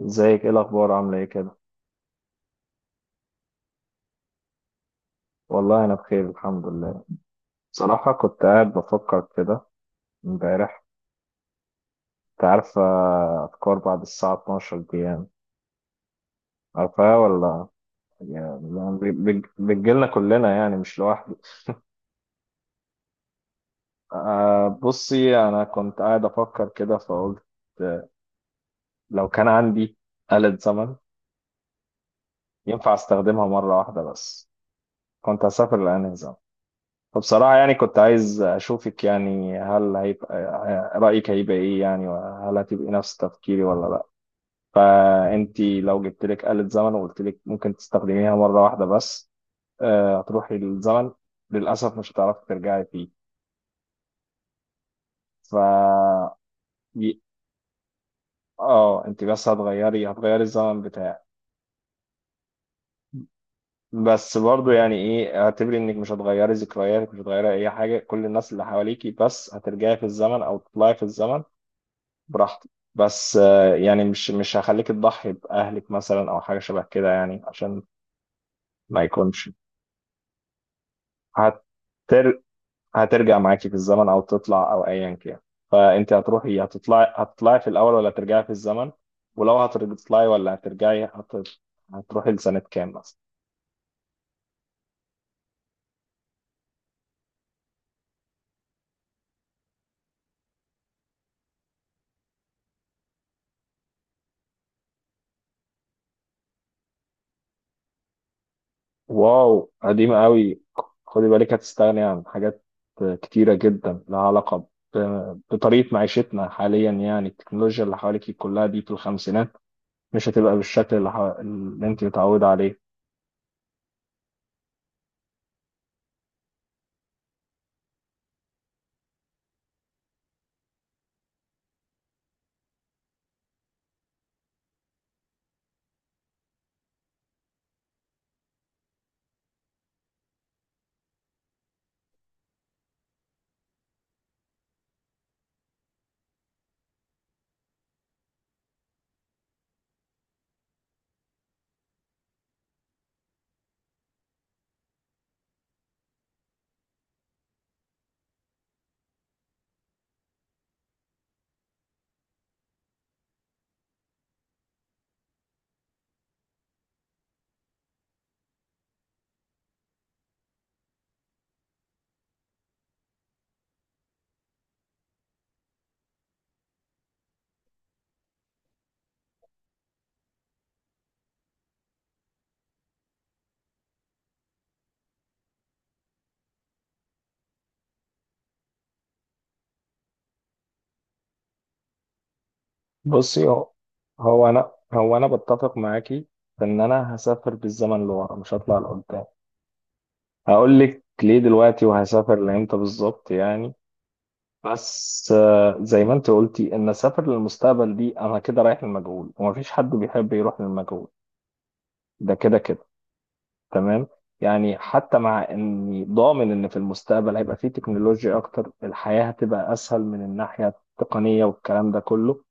ازيك، ايه الاخبار، عامله ايه كده؟ والله انا بخير الحمد لله. بصراحه كنت قاعد بفكر كده امبارح. انت عارفه افكار بعد الساعه 12 دي يعني، عارفاها ولا؟ يعني بتجيلنا كلنا يعني مش لوحدي. أه بصي، انا كنت قاعد افكر كده فقلت لو كان عندي آلة زمن ينفع استخدمها مره واحده بس، كنت هسافر لأنهي زمن؟ فبصراحة يعني كنت عايز أشوفك، يعني هل هيبقى رأيك هيبقى إيه يعني، وهل هتبقي نفس تفكيري ولا لأ؟ فأنتي لو جبت لك آلة زمن وقلت لك ممكن تستخدميها مرة واحدة بس، هتروحي للزمن، للأسف مش هتعرفي ترجعي فيه. ف ي- اه انت بس هتغيري، هتغيري الزمن بتاعك. بس برضه يعني ايه، اعتبري انك مش هتغيري ذكرياتك، مش هتغيري اي حاجه، كل الناس اللي حواليكي، بس هترجعي في الزمن او تطلعي في الزمن براحتك. بس يعني مش هخليك تضحي بأهلك مثلا أو حاجة شبه كده يعني، عشان ما يكونش. هتر... هترجع معاكي في الزمن أو تطلع أو أيا كان. فأنت هتروحي، هتطلعي في الأول ولا ترجعي في الزمن؟ ولو هتطلعي ولا هترجعي هت... هتروحي لسنة كام مثلا؟ واو، قديمة قوي. خدي بالك هتستغني عن حاجات كتيرة جدا لها علاقة ب... بطريقة معيشتنا حاليا. يعني التكنولوجيا اللي حواليك كلها دي، في الخمسينات مش هتبقى بالشكل اللي انت متعودة عليه. بصي، هو انا بتفق معاكي ان انا هسافر بالزمن لورا، مش هطلع لقدام. هقول لك ليه دلوقتي، وهسافر لامتى بالظبط يعني. بس زي ما انت قلتي، ان اسافر للمستقبل دي انا كده رايح للمجهول، ومفيش حد بيحب يروح للمجهول. ده كده كده. تمام. يعني حتى مع اني ضامن ان في المستقبل هيبقى فيه تكنولوجيا اكتر، الحياة هتبقى اسهل من الناحية التقنية والكلام ده كله،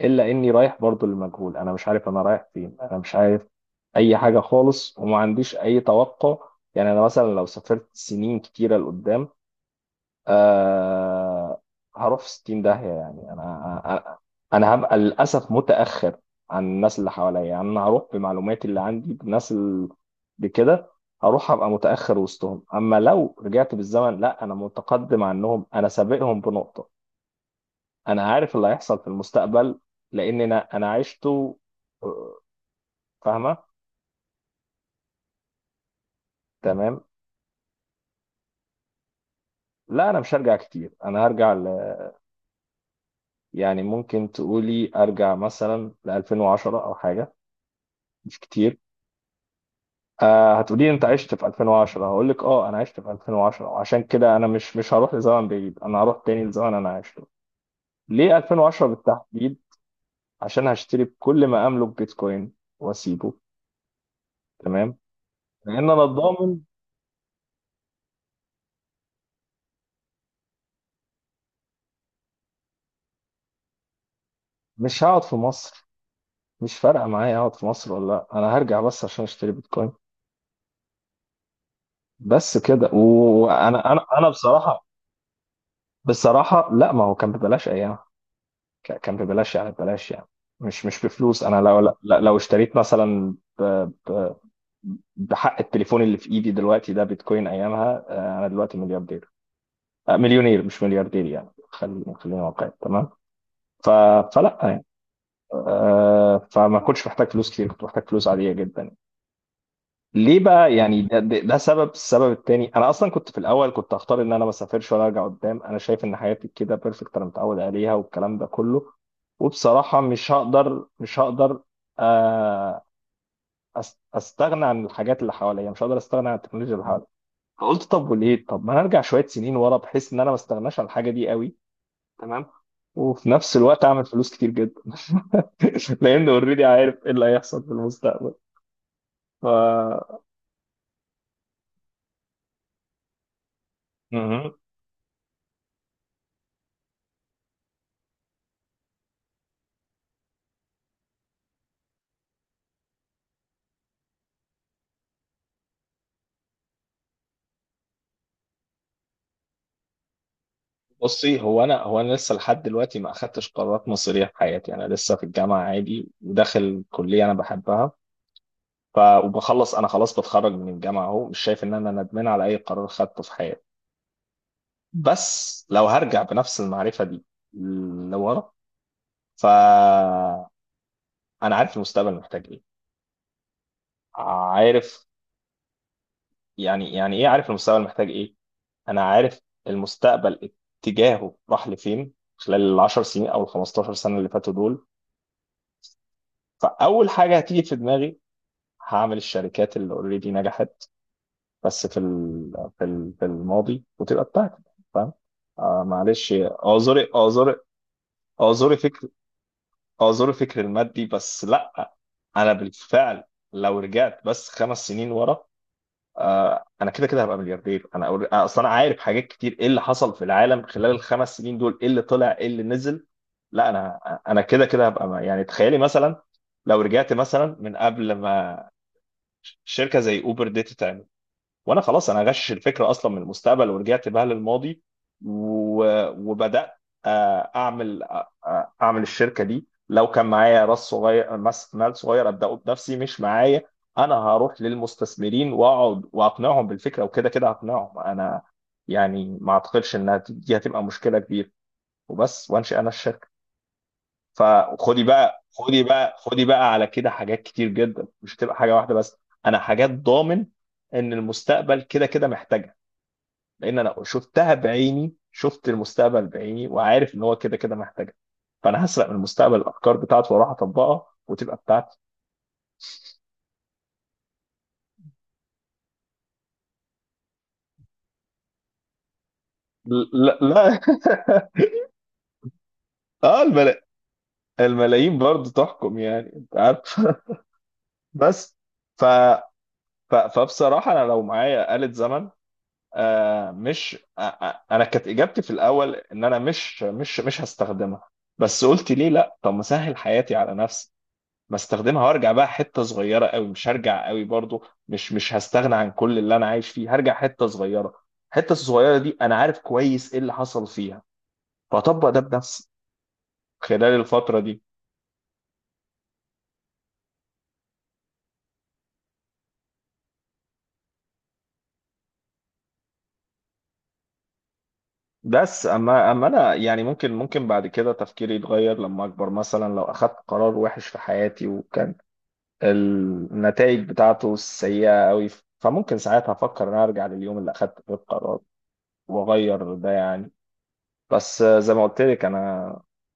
الا اني رايح برضو للمجهول. انا مش عارف انا رايح فين، انا مش عارف اي حاجه خالص، وما عنديش اي توقع. يعني انا مثلا لو سافرت سنين كتيره لقدام، آه، هروح في 60 داهيه يعني. انا أنا هبقى للاسف متاخر عن الناس اللي حواليا. يعني انا هروح بمعلوماتي اللي عندي بالناس اللي بكده، هروح هبقى متاخر وسطهم. اما لو رجعت بالزمن، لا، انا متقدم عنهم، انا سابقهم بنقطه. انا عارف اللي هيحصل في المستقبل، لان انا عشته. آه، فاهمه. تمام. لا انا مش هرجع كتير، يعني ممكن تقولي ارجع مثلا ل 2010 او حاجه، مش كتير. آه، هتقولي انت عشت في 2010؟ هقول لك اه، انا عشت في 2010، وعشان كده انا مش هروح لزمن بعيد، انا هروح تاني لزمن انا عشته. ليه 2010 بالتحديد؟ عشان هشتري بكل ما املك بيتكوين واسيبه. تمام، لان انا ضامن مش هقعد في مصر، مش فارقه معايا اقعد في مصر ولا لا، انا هرجع بس عشان اشتري بيتكوين بس كده. وانا انا انا بصراحه. بصراحه لا، ما هو كان ببلاش ايام، كان ببلاش يعني، ببلاش يعني مش بفلوس. انا لو لا- لو اشتريت مثلا بحق التليفون اللي في ايدي دلوقتي ده بيتكوين ايامها، انا دلوقتي ملياردير. آه، مليونير مش ملياردير يعني، خلينا واقعي. تمام. ف- فلا يعني، فما كنتش محتاج فلوس كتير، كنت محتاج فلوس عاديه جدا. ليه بقى يعني، ده سبب. السبب التاني، انا اصلا كنت في الاول كنت هختار ان انا ما اسافرش ولا ارجع قدام، انا شايف ان حياتي كده بيرفكت، انا متعود عليها والكلام ده كله. وبصراحه مش هقدر، آه، استغنى عن الحاجات اللي حواليا، مش هقدر استغنى عن التكنولوجيا اللي حواليا. فقلت طب وليه، طب ما انا ارجع شويه سنين ورا، بحيث ان انا ما استغناش عن الحاجه دي قوي. تمام. وفي نفس الوقت اعمل فلوس كتير جدا لان اوريدي عارف ايه اللي هيحصل في المستقبل. ف بصي، هو انا هو انا لسه لحد دلوقتي ما اخدتش قرارات مصيريه في حياتي، انا لسه في الجامعه عادي، وداخل كليه انا بحبها. ف وبخلص، انا خلاص بتخرج من الجامعه اهو. مش شايف ان انا ندمان على اي قرار خدته في حياتي. بس لو هرجع بنفس المعرفه دي لورا، ف انا عارف المستقبل محتاج ايه. عارف يعني، يعني ايه عارف المستقبل محتاج ايه؟ انا عارف المستقبل اتجاهه راح لفين خلال العشر سنين او ال 15 سنه اللي فاتوا دول. فاول حاجه هتيجي في دماغي، هعمل الشركات اللي اوريدي نجحت بس في الماضي، وتبقى بتاعتي. فاهم؟ آه معلش، اعذري فكر، اعذري فكر المادي، بس لا، انا بالفعل لو رجعت بس خمس سنين ورا، آه انا كده كده هبقى ملياردير. انا أور- آه، اصلا انا عارف حاجات كتير، ايه اللي حصل في العالم خلال الخمس سنين دول، ايه اللي طلع ايه اللي نزل. لا انا كده كده هبقى يعني تخيلي مثلا لو رجعت مثلا من قبل ما شركه زي اوبر دي تتعمل، وانا خلاص انا غشش الفكره اصلا من المستقبل ورجعت بها للماضي، وبدات آه، اعمل آه، آه، اعمل الشركه دي. لو كان معايا راس صغير، مال صغير، ابداه بنفسي. مش معايا، انا هروح للمستثمرين واقعد واقنعهم بالفكره، وكده كده هقنعهم انا يعني، ما اعتقدش انها دي هتبقى مشكله كبيره. وبس، وانشئ انا الشركه. فخدي بقى، خدي بقى على كده حاجات كتير جدا، مش هتبقى حاجه واحده بس. انا حاجات ضامن ان المستقبل كده كده محتاجها، لان انا شفتها بعيني، شفت المستقبل بعيني، وعارف ان هو كده كده محتاجها. فانا هسرق من المستقبل الافكار بتاعته واروح اطبقها وتبقى بتاعتي. لا لا. اه الملايين برضه تحكم يعني، انت عارف. بس. ف... فبصراحه انا لو معايا آلة زمن، آه مش آه آه، انا كانت اجابتي في الاول ان انا مش هستخدمها. بس قلت ليه لا، طب ما اسهل حياتي على نفسي، بستخدمها وارجع بقى حته صغيره قوي، مش هرجع قوي برضو، مش هستغنى عن كل اللي انا عايش فيه، هرجع حته صغيره. الحته الصغيره دي انا عارف كويس ايه اللي حصل فيها، فاطبق ده بنفسي خلال الفتره دي. بس اما انا يعني، ممكن بعد كده تفكيري يتغير، لما اكبر مثلا لو اخدت قرار وحش في حياتي، وكان النتائج بتاعته سيئه قوي، فممكن ساعتها افكر ان أنا ارجع لليوم اللي اخدت فيه القرار واغير ده يعني. بس زي ما قلت لك، انا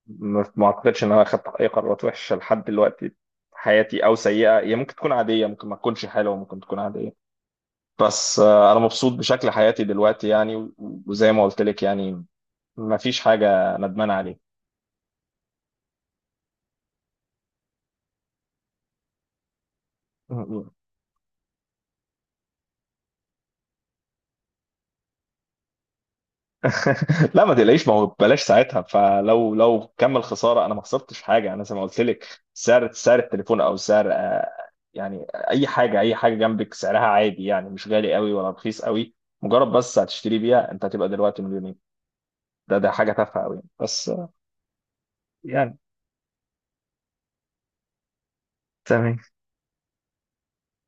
ما اعتقدش ان انا اخدت اي قرارات وحشه لحد دلوقتي في حياتي او سيئه. هي ممكن تكون عاديه، ممكن ما تكونش حلوه، ممكن تكون عاديه. بس انا مبسوط بشكل حياتي دلوقتي يعني. وزي ما قلت لك يعني، ما فيش حاجه ندمان عليها. لا ما تقلقيش، ما هو بلاش ساعتها، فلو كمل خساره انا ما خسرتش حاجه. انا زي ما قلت لك، سعر التليفون او سعر، يعني اي حاجه، اي حاجه جنبك سعرها عادي يعني، مش غالي قوي ولا رخيص قوي، مجرد بس هتشتري بيها انت هتبقى دلوقتي مليونير. ده حاجه تافهه قوي، بس يعني. تمام.